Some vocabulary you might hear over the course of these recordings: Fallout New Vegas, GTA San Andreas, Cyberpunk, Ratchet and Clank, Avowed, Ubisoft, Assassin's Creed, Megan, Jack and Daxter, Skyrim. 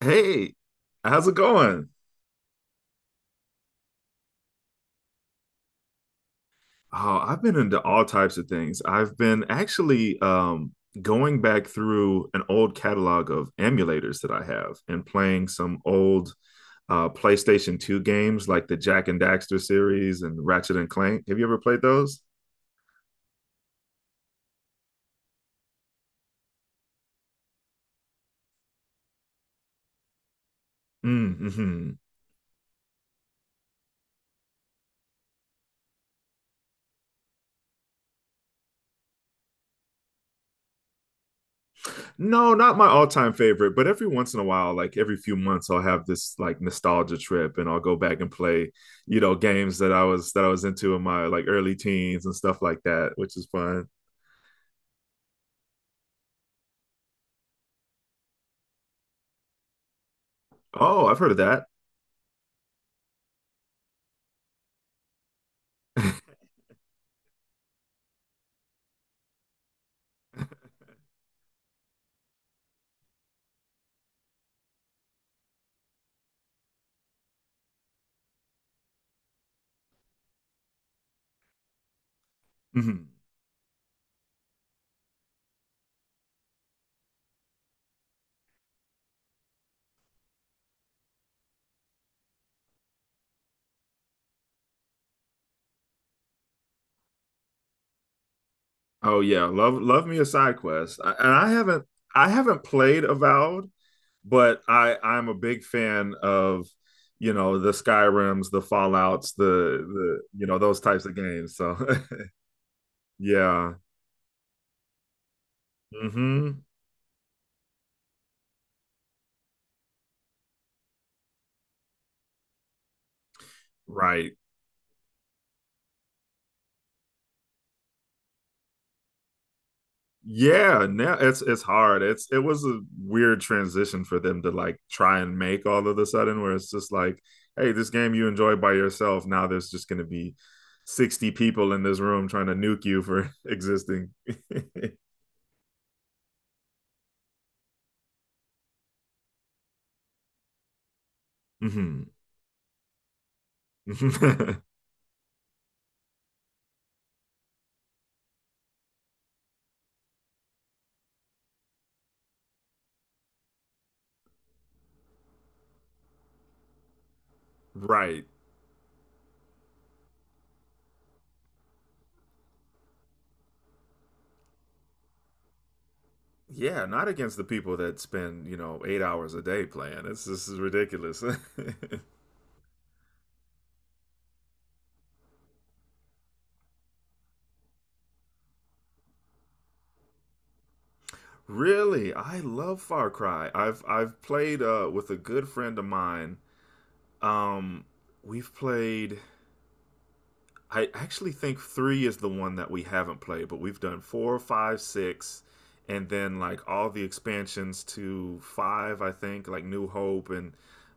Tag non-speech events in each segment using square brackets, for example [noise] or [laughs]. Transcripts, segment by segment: Hey, how's it going? Oh, I've been into all types of things. I've been actually going back through an old catalog of emulators that I have and playing some old PlayStation 2 games like the Jack and Daxter series and Ratchet and Clank. Have you ever played those? Mm-hmm. No, not my all-time favorite, but every once in a while, like every few months, I'll have this like nostalgia trip and I'll go back and play, games that I was into in my like early teens and stuff like that, which is fun. Oh, I've heard of that. [laughs] Mhm. Oh yeah, love me a side quest. And I haven't played Avowed, but I'm a big fan of, you know, the Skyrims, the Fallouts, the you know, those types of games. So, [laughs] yeah. Mhm. Right. Yeah, now it's hard. It was a weird transition for them to like try and make all of a sudden where it's just like, hey, this game you enjoy by yourself. Now there's just gonna be 60 people in this room trying to nuke you for [laughs] existing. [laughs] Mhm. [laughs] Right. Yeah, not against the people that spend, you know, 8 hours a day playing. It's this is ridiculous. [laughs] Really, I love Far Cry. I've played with a good friend of mine. Um, we've played. I actually think three is the one that we haven't played, but we've done four, five, six, and then like all the expansions to five. I think like New Hope, and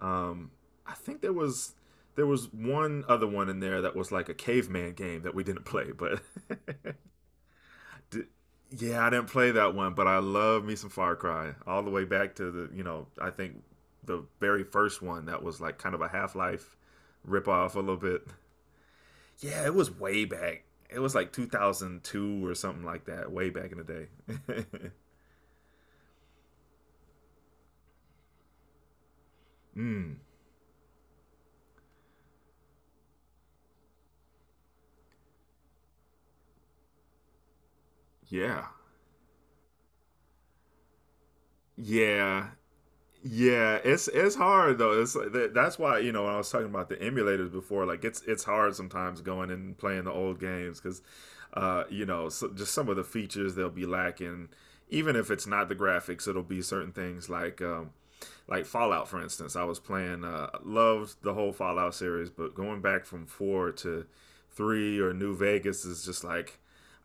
um, I think there was one other one in there that was like a caveman game that we didn't play, but [laughs] D- yeah, I didn't play that one, but I love me some Far Cry all the way back to the you know I think the very first one that was like kind of a Half Life ripoff a little bit. Yeah, it was way back. It was like 2002 or something like that, way back in the day. [laughs] mm, yeah, yeah, Yeah, it's hard though. It's like that's why you know when I was talking about the emulators before, like it's hard sometimes going and playing the old games because, you know, so just some of the features they'll be lacking. Even if it's not the graphics, it'll be certain things like Fallout, for instance. I was playing, loved the whole Fallout series, but going back from four to three or New Vegas is just like,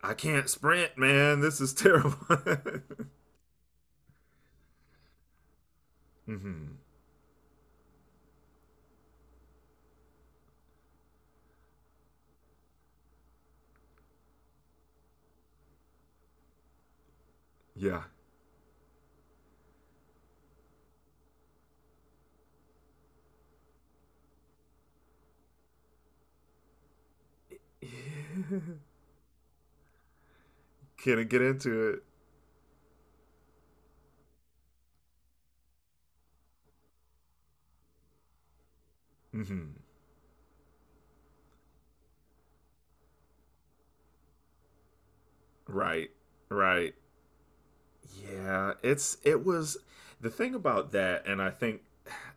I can't sprint, man. This is terrible. [laughs] hmm Yeah. [laughs] Can I get into it? Mm-hmm. Right, right. Yeah, it's it was the thing about that, and I think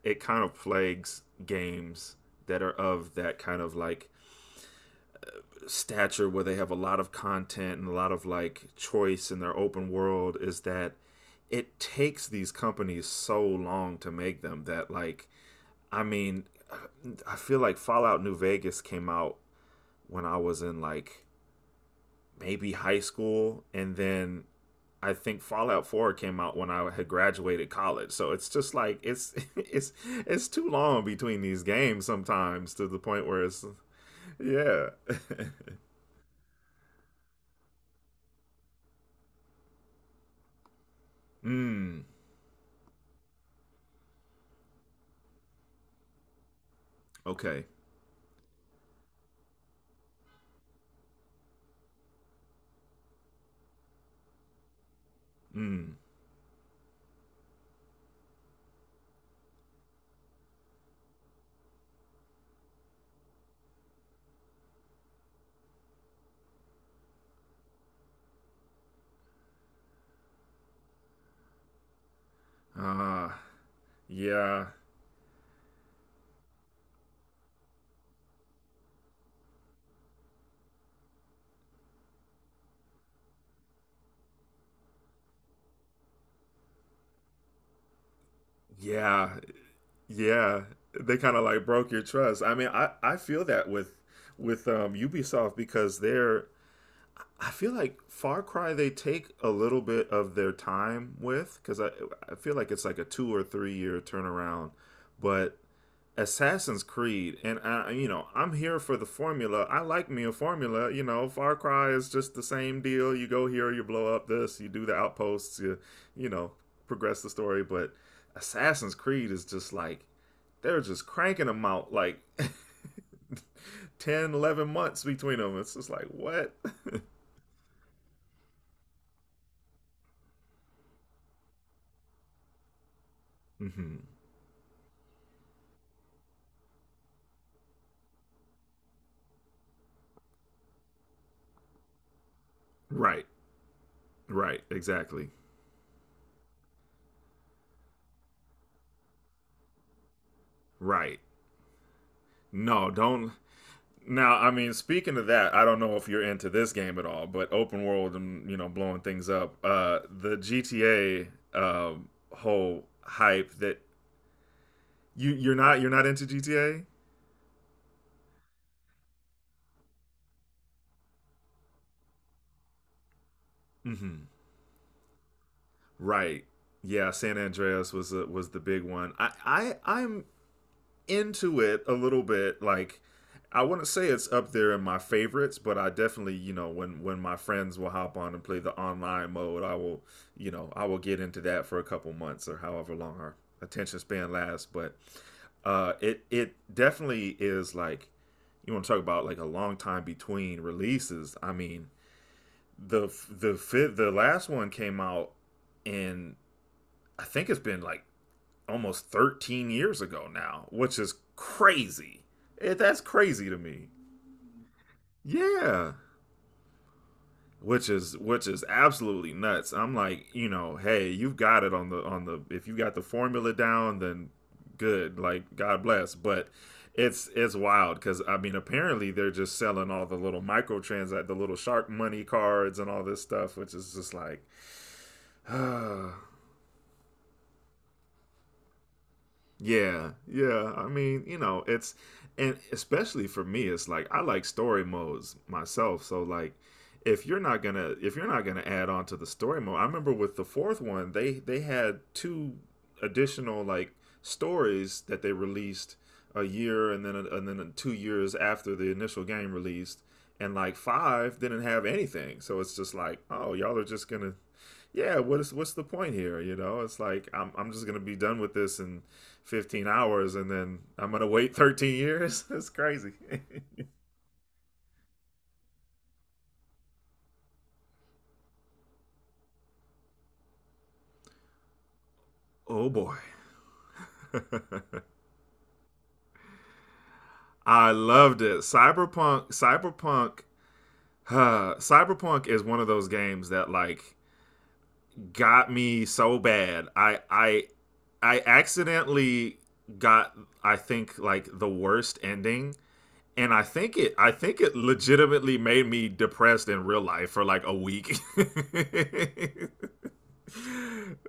it kind of plagues games that are of that kind of like stature where they have a lot of content and a lot of like choice in their open world is that it takes these companies so long to make them that like I mean I feel like Fallout New Vegas came out when I was in like maybe high school and then I think Fallout 4 came out when I had graduated college. So it's just like it's [laughs] it's too long between these games sometimes to the point where it's yeah. [laughs] Mm. Okay. Mm. Ah. Yeah. Yeah. Yeah. They kind of like broke your trust. I mean, I feel that with Ubisoft because they're I feel like Far Cry they take a little bit of their time with because I feel like it's like a 2 or 3 year turnaround, but Assassin's Creed and I you know I'm here for the formula. I like me a formula. You know Far Cry is just the same deal. You go here, you blow up this, you do the outposts, you know progress the story. But Assassin's Creed is just like they're just cranking them out like [laughs] 10, 11 months between them. It's just like what. Hmm Right. Right. Exactly. Right. No, don't. Now, I mean, speaking of that, I don't know if you're into this game at all, but open world and you know blowing things up. The GTA whole hype that you're not you're not into GTA. Mm-hmm. Right. Yeah, San Andreas was was the big one. I'm into it a little bit. Like I wouldn't say it's up there in my favorites, but I definitely, you know, when my friends will hop on and play the online mode, I will, you know, I will get into that for a couple months or however long our attention span lasts. But it it definitely is like you want to talk about like a long time between releases. I mean, the last one came out in I think it's been like almost 13 years ago now, which is crazy. It, that's crazy to me. Yeah, which is absolutely nuts. I'm like, you know, hey, you've got it on the if you got the formula down, then good. Like God bless, but it's wild because I mean apparently they're just selling all the little microtrans the little shark money cards and all this stuff, which is just like, [sighs] uh, yeah, yeah. I mean, you know, it's and especially for me, it's like I like story modes myself. So like if you're not gonna add on to the story mode, I remember with the fourth one, they had two additional like stories that they released a year and then 2 years after the initial game released, and like five didn't have anything. So it's just like, oh, y'all are just gonna yeah, what's the point here? You know, it's like I'm just gonna be done with this in 15 hours, and then I'm gonna wait 13 years. [laughs] It's crazy. [laughs] oh boy, [laughs] I loved it. Cyberpunk is one of those games that like got me so bad. I accidentally got I think like the worst ending and I think it legitimately made me depressed in real life for like a week. [laughs] it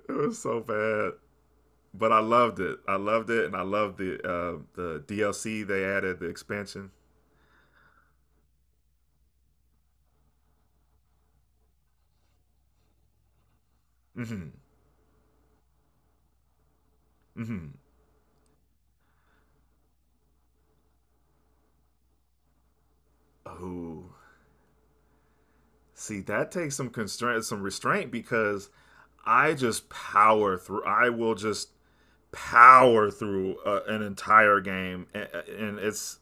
was so bad, but I loved it. I loved it, and I loved the DLC they added, the expansion. Hmm hmm Oh, see, that takes some constraint, some restraint because I just power through. I will just power through an entire game, and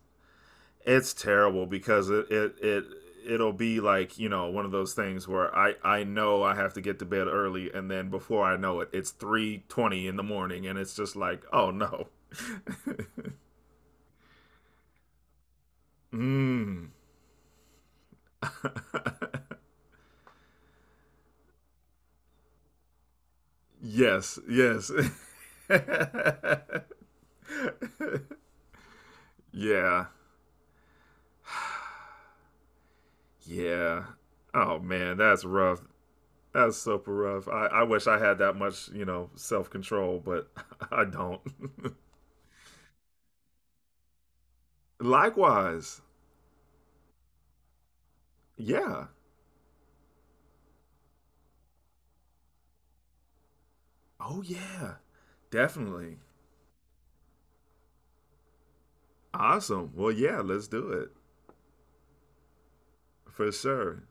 it's terrible because it it'll be like you know one of those things where I know I have to get to bed early and then before I know it it's 3:20 in the morning and it's just like oh no mm, yes yes [laughs] yeah yeah oh man that's rough that's super rough I wish I had that much you know self control but [laughs] I don't [laughs] likewise yeah oh yeah definitely Awesome. Well, yeah, let's do it for sure.